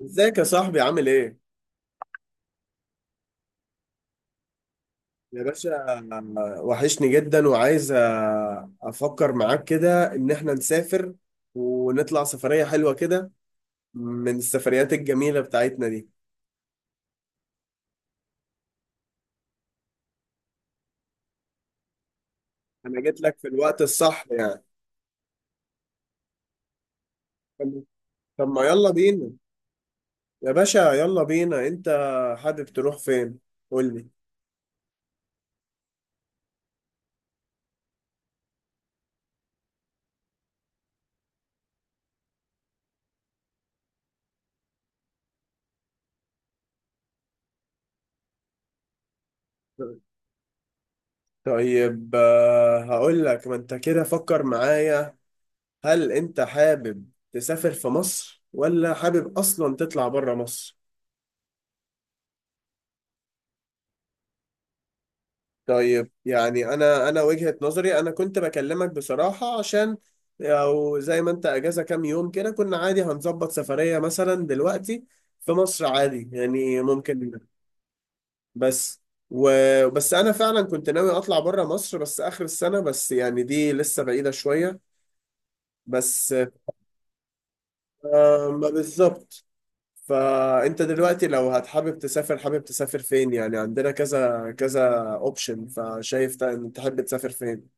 ازيك يا صاحبي عامل ايه؟ يا باشا، وحشني جدا وعايز افكر معاك كده ان احنا نسافر ونطلع سفرية حلوة كده، من السفريات الجميلة بتاعتنا دي. انا جيت لك في الوقت الصح يعني. طب طب ما يلا بينا يا باشا. يلا بينا، انت حابب تروح فين؟ قول لي. طيب، هقول لك، ما انت كده فكر معايا. هل انت حابب تسافر في مصر، ولا حابب اصلا تطلع بره مصر؟ طيب، يعني انا وجهة نظري، انا كنت بكلمك بصراحة عشان او زي ما انت اجازة كام يوم كده، كنا عادي هنظبط سفرية مثلا دلوقتي في مصر عادي، يعني ممكن. بس و... بس انا فعلا كنت ناوي اطلع بره مصر، بس اخر السنة، بس يعني دي لسه بعيدة شوية. بس آه، ما بالظبط. فانت دلوقتي لو هتحابب تسافر، حابب تسافر فين؟ يعني عندنا كذا كذا اوبشن، فشايف إن تحب تسافر فين.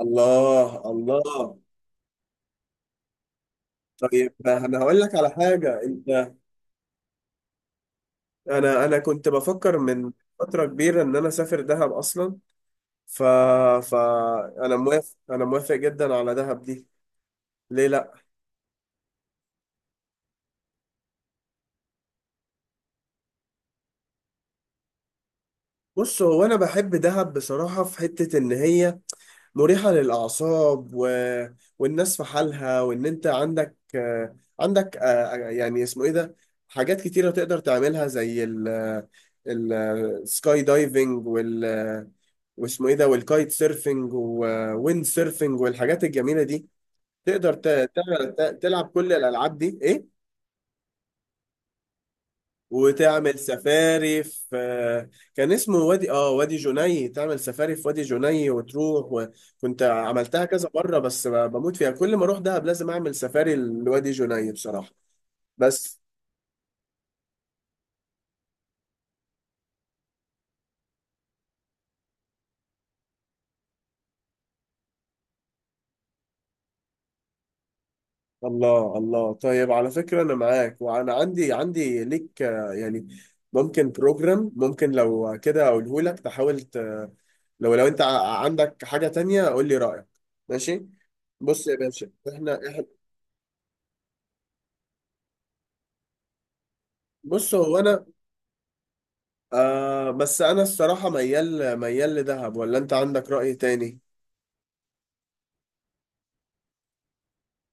الله الله. طيب انا هقول لك على حاجه. انت، انا كنت بفكر من فتره كبيره ان انا اسافر دهب اصلا، ف ف انا موافق، انا موافق جدا على دهب دي. ليه لا؟ بص، هو انا بحب دهب بصراحه. في حته ان هي مريحه للاعصاب، والناس في حالها، وان انت عندك، يعني اسمه ايه ده، حاجات كتيره تقدر تعملها، زي السكاي دايفنج، واسمه ايه ده، والكايت سيرفنج، وويند سيرفنج، والحاجات الجميله دي. تقدر تلعب كل الالعاب دي، ايه. وتعمل سفاري في، كان اسمه، وادي، وادي جني. تعمل سفاري في وادي جني وتروح. وكنت عملتها كذا مره، بس بموت فيها. كل ما اروح دهب لازم اعمل سفاري لوادي جني بصراحه. بس. الله الله. طيب على فكرة أنا معاك، وأنا عندي ليك، يعني ممكن بروجرام، ممكن لو كده أقوله لك تحاول لو أنت عندك حاجة تانية قول لي رأيك. ماشي. بص يا باشا، إحنا. بص هو أنا آه، بس أنا الصراحة ميال ميال لدهب، ولا أنت عندك رأي تاني؟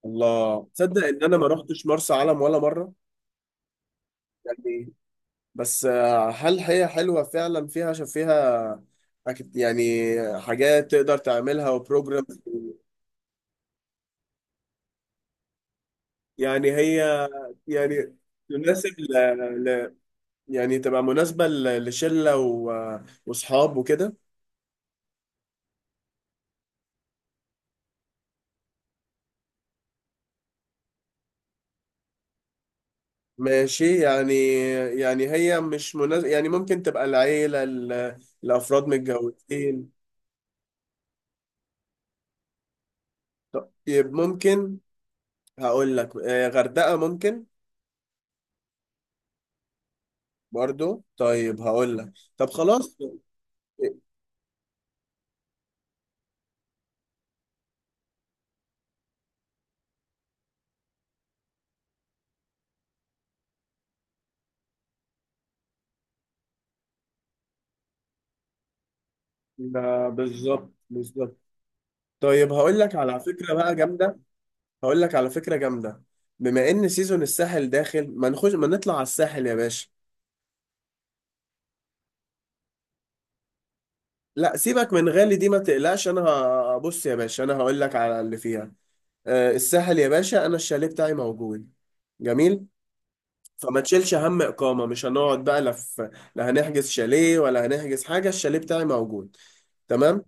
الله، تصدق إن أنا ما رحتش مرسى علم ولا مرة. يعني بس، هل هي حلوة فعلا؟ فيها، عشان فيها أكيد يعني حاجات تقدر تعملها وبروجرام؟ يعني هي يعني تناسب ل... يعني تبقى مناسبة لشلة وصحاب وكده. ماشي يعني. يعني هي مش مناسبة. يعني ممكن تبقى العيلة، لأفراد متجوزين. طيب ممكن، هقول لك، غردقة ممكن. برضو؟ طيب هقول لك، طب خلاص. ده بالظبط، بالظبط. طيب هقول لك على فكرة بقى جامدة. هقول لك على فكرة جامدة. بما ان سيزون الساحل داخل، ما نطلع على الساحل يا باشا. لا، سيبك من غالي دي، ما تقلقش، انا بص يا باشا، انا هقول لك على اللي فيها. آه، الساحل يا باشا، انا الشاليه بتاعي موجود. جميل. فما تشيلش هم اقامة. مش هنقعد بقى لا. لا هنحجز شاليه، ولا هنحجز حاجة، الشاليه بتاعي موجود. تمام.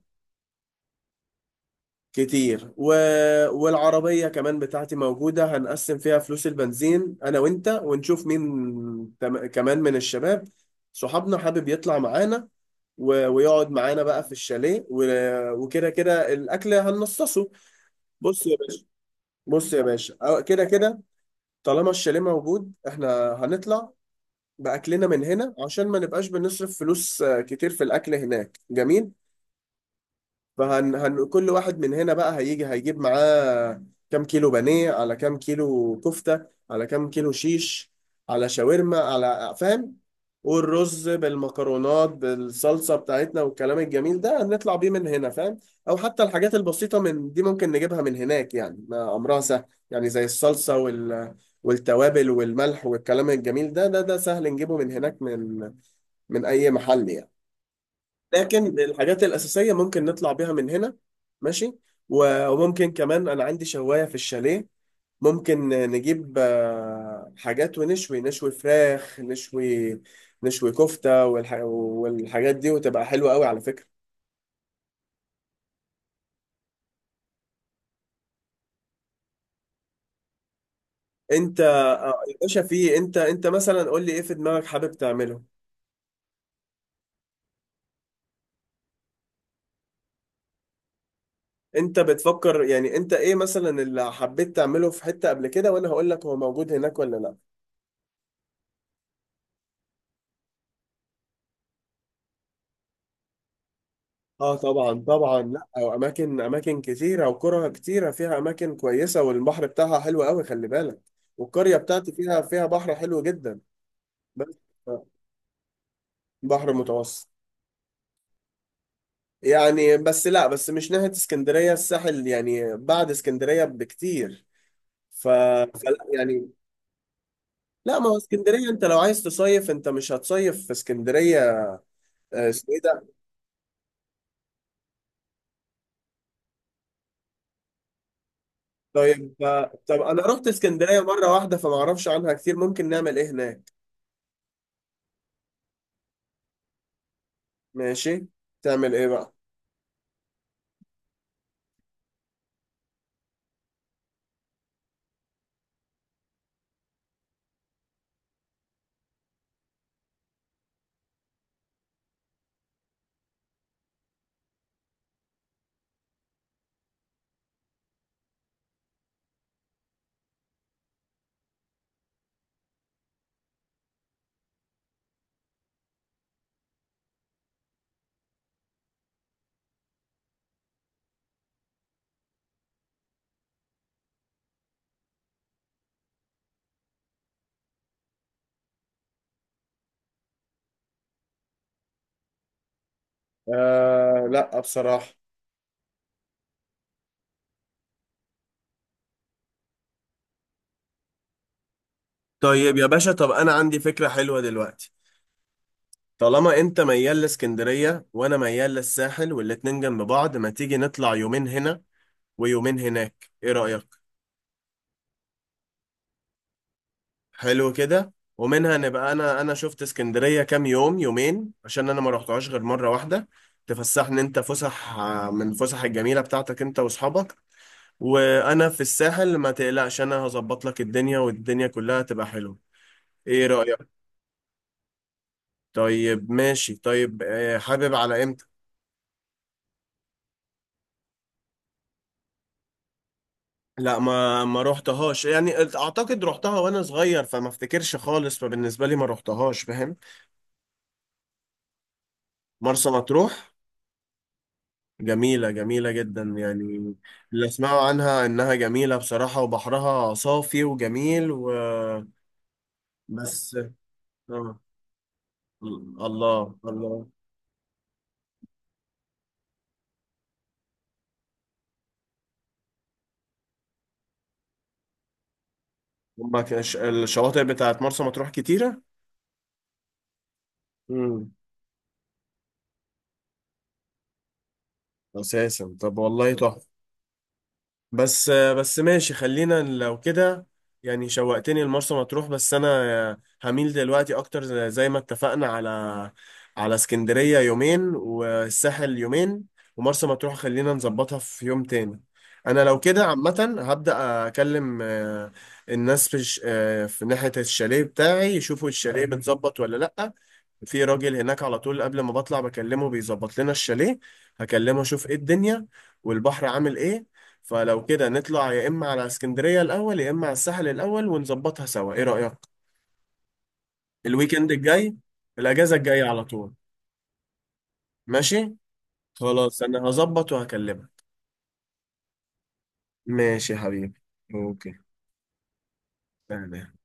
كتير. والعربية كمان بتاعتي موجودة، هنقسم فيها فلوس البنزين أنا وأنت، ونشوف مين كمان من الشباب، صحابنا حابب يطلع معانا ويقعد معانا بقى في الشاليه، وكده كده الأكل هنصصه. بص يا باشا، كده كده، طالما الشاليه موجود، إحنا هنطلع بأكلنا من هنا، عشان ما نبقاش بنصرف فلوس كتير في الأكل. هناك جميل. فهن هن كل واحد من هنا بقى هيجي هيجيب معاه كام كيلو بانيه، على كام كيلو كفتة، على كام كيلو شيش، على شاورما، على، فاهم. والرز بالمكرونات بالصلصة بتاعتنا، والكلام الجميل ده هنطلع بيه من هنا، فاهم. او حتى الحاجات البسيطة من دي ممكن نجيبها من هناك، يعني ما امرها سهل. يعني زي الصلصة، والتوابل والملح والكلام الجميل ده، سهل نجيبه من هناك، من اي محل يعني. لكن الحاجات الأساسية ممكن نطلع بيها من هنا. ماشي. وممكن كمان، أنا عندي شواية في الشاليه، ممكن نجيب حاجات ونشوي، نشوي فراخ، نشوي كفتة، والحاجات دي، وتبقى حلوة قوي على فكرة. انت، يا باشا، في، انت مثلا قول لي ايه في دماغك حابب تعمله. انت بتفكر يعني انت ايه مثلا اللي حبيت تعمله في حتة قبل كده، وانا هقول لك هو موجود هناك ولا لا. اه طبعا طبعا. لا، واماكن، اماكن اماكن كتيره، وقرى كتيره، فيها اماكن كويسه، والبحر بتاعها حلو قوي، خلي بالك. والقريه بتاعتي فيها، بحر حلو جدا. بس، آه، بحر متوسط. يعني بس لا، بس مش ناحيه اسكندريه، الساحل يعني بعد اسكندريه بكتير. فلا يعني. لا، ما هو اسكندريه انت لو عايز تصيف، انت مش هتصيف في اسكندريه، اسمه ايه ده. طيب، طب انا رحت اسكندريه مره واحده، فما اعرفش عنها كتير. ممكن نعمل ايه هناك؟ ماشي، تعمل ايه بقى. آه لا، بصراحة. طيب يا باشا، طب انا عندي فكرة حلوة دلوقتي. طالما انت ميال لاسكندرية، وانا ميال للساحل، والاتنين جنب بعض، ما تيجي نطلع يومين هنا، ويومين هناك، ايه رأيك؟ حلو كده. ومنها نبقى، انا شفت اسكندرية كام يوم، يومين، عشان انا ما رحتهاش غير مرة واحدة. تفسحني، انت فسح من فسح الجميلة بتاعتك انت واصحابك، وانا في الساحل ما تقلقش، انا هظبط لك الدنيا، والدنيا كلها تبقى حلوة. ايه رأيك؟ طيب ماشي. طيب، حابب على امتى؟ لا، ما روحتهاش يعني، اعتقد روحتها وانا صغير فما افتكرش خالص، فبالنسبه لي ما روحتهاش، فاهم. مرسى مطروح، جميله، جميله جدا يعني. اللي اسمعوا عنها انها جميله بصراحه، وبحرها صافي وجميل. بس. آه. الله الله. هما الشواطئ بتاعت مرسى مطروح كتيره. امم. اساسا طب والله تحفه. بس ماشي، خلينا لو كده، يعني شوقتني لمرسى مطروح، بس انا هميل دلوقتي اكتر، زي ما اتفقنا، على اسكندرية يومين، والساحل يومين، ومرسى مطروح خلينا نظبطها في يوم تاني. انا لو كده عامة، هبدأ اكلم الناس في في ناحية الشاليه بتاعي، يشوفوا الشاليه متظبط ولا لأ. في راجل هناك على طول قبل ما بطلع بكلمه، بيظبط لنا الشاليه. هكلمه اشوف ايه الدنيا، والبحر عامل ايه. فلو كده نطلع، يا اما على اسكندرية الاول، يا اما على الساحل الاول، ونظبطها سوا، ايه رأيك؟ الويكند الجاي، الاجازة الجاية على طول. ماشي، خلاص انا هظبط وهكلمك. ماشي يا حبيبي. اوكي تمام.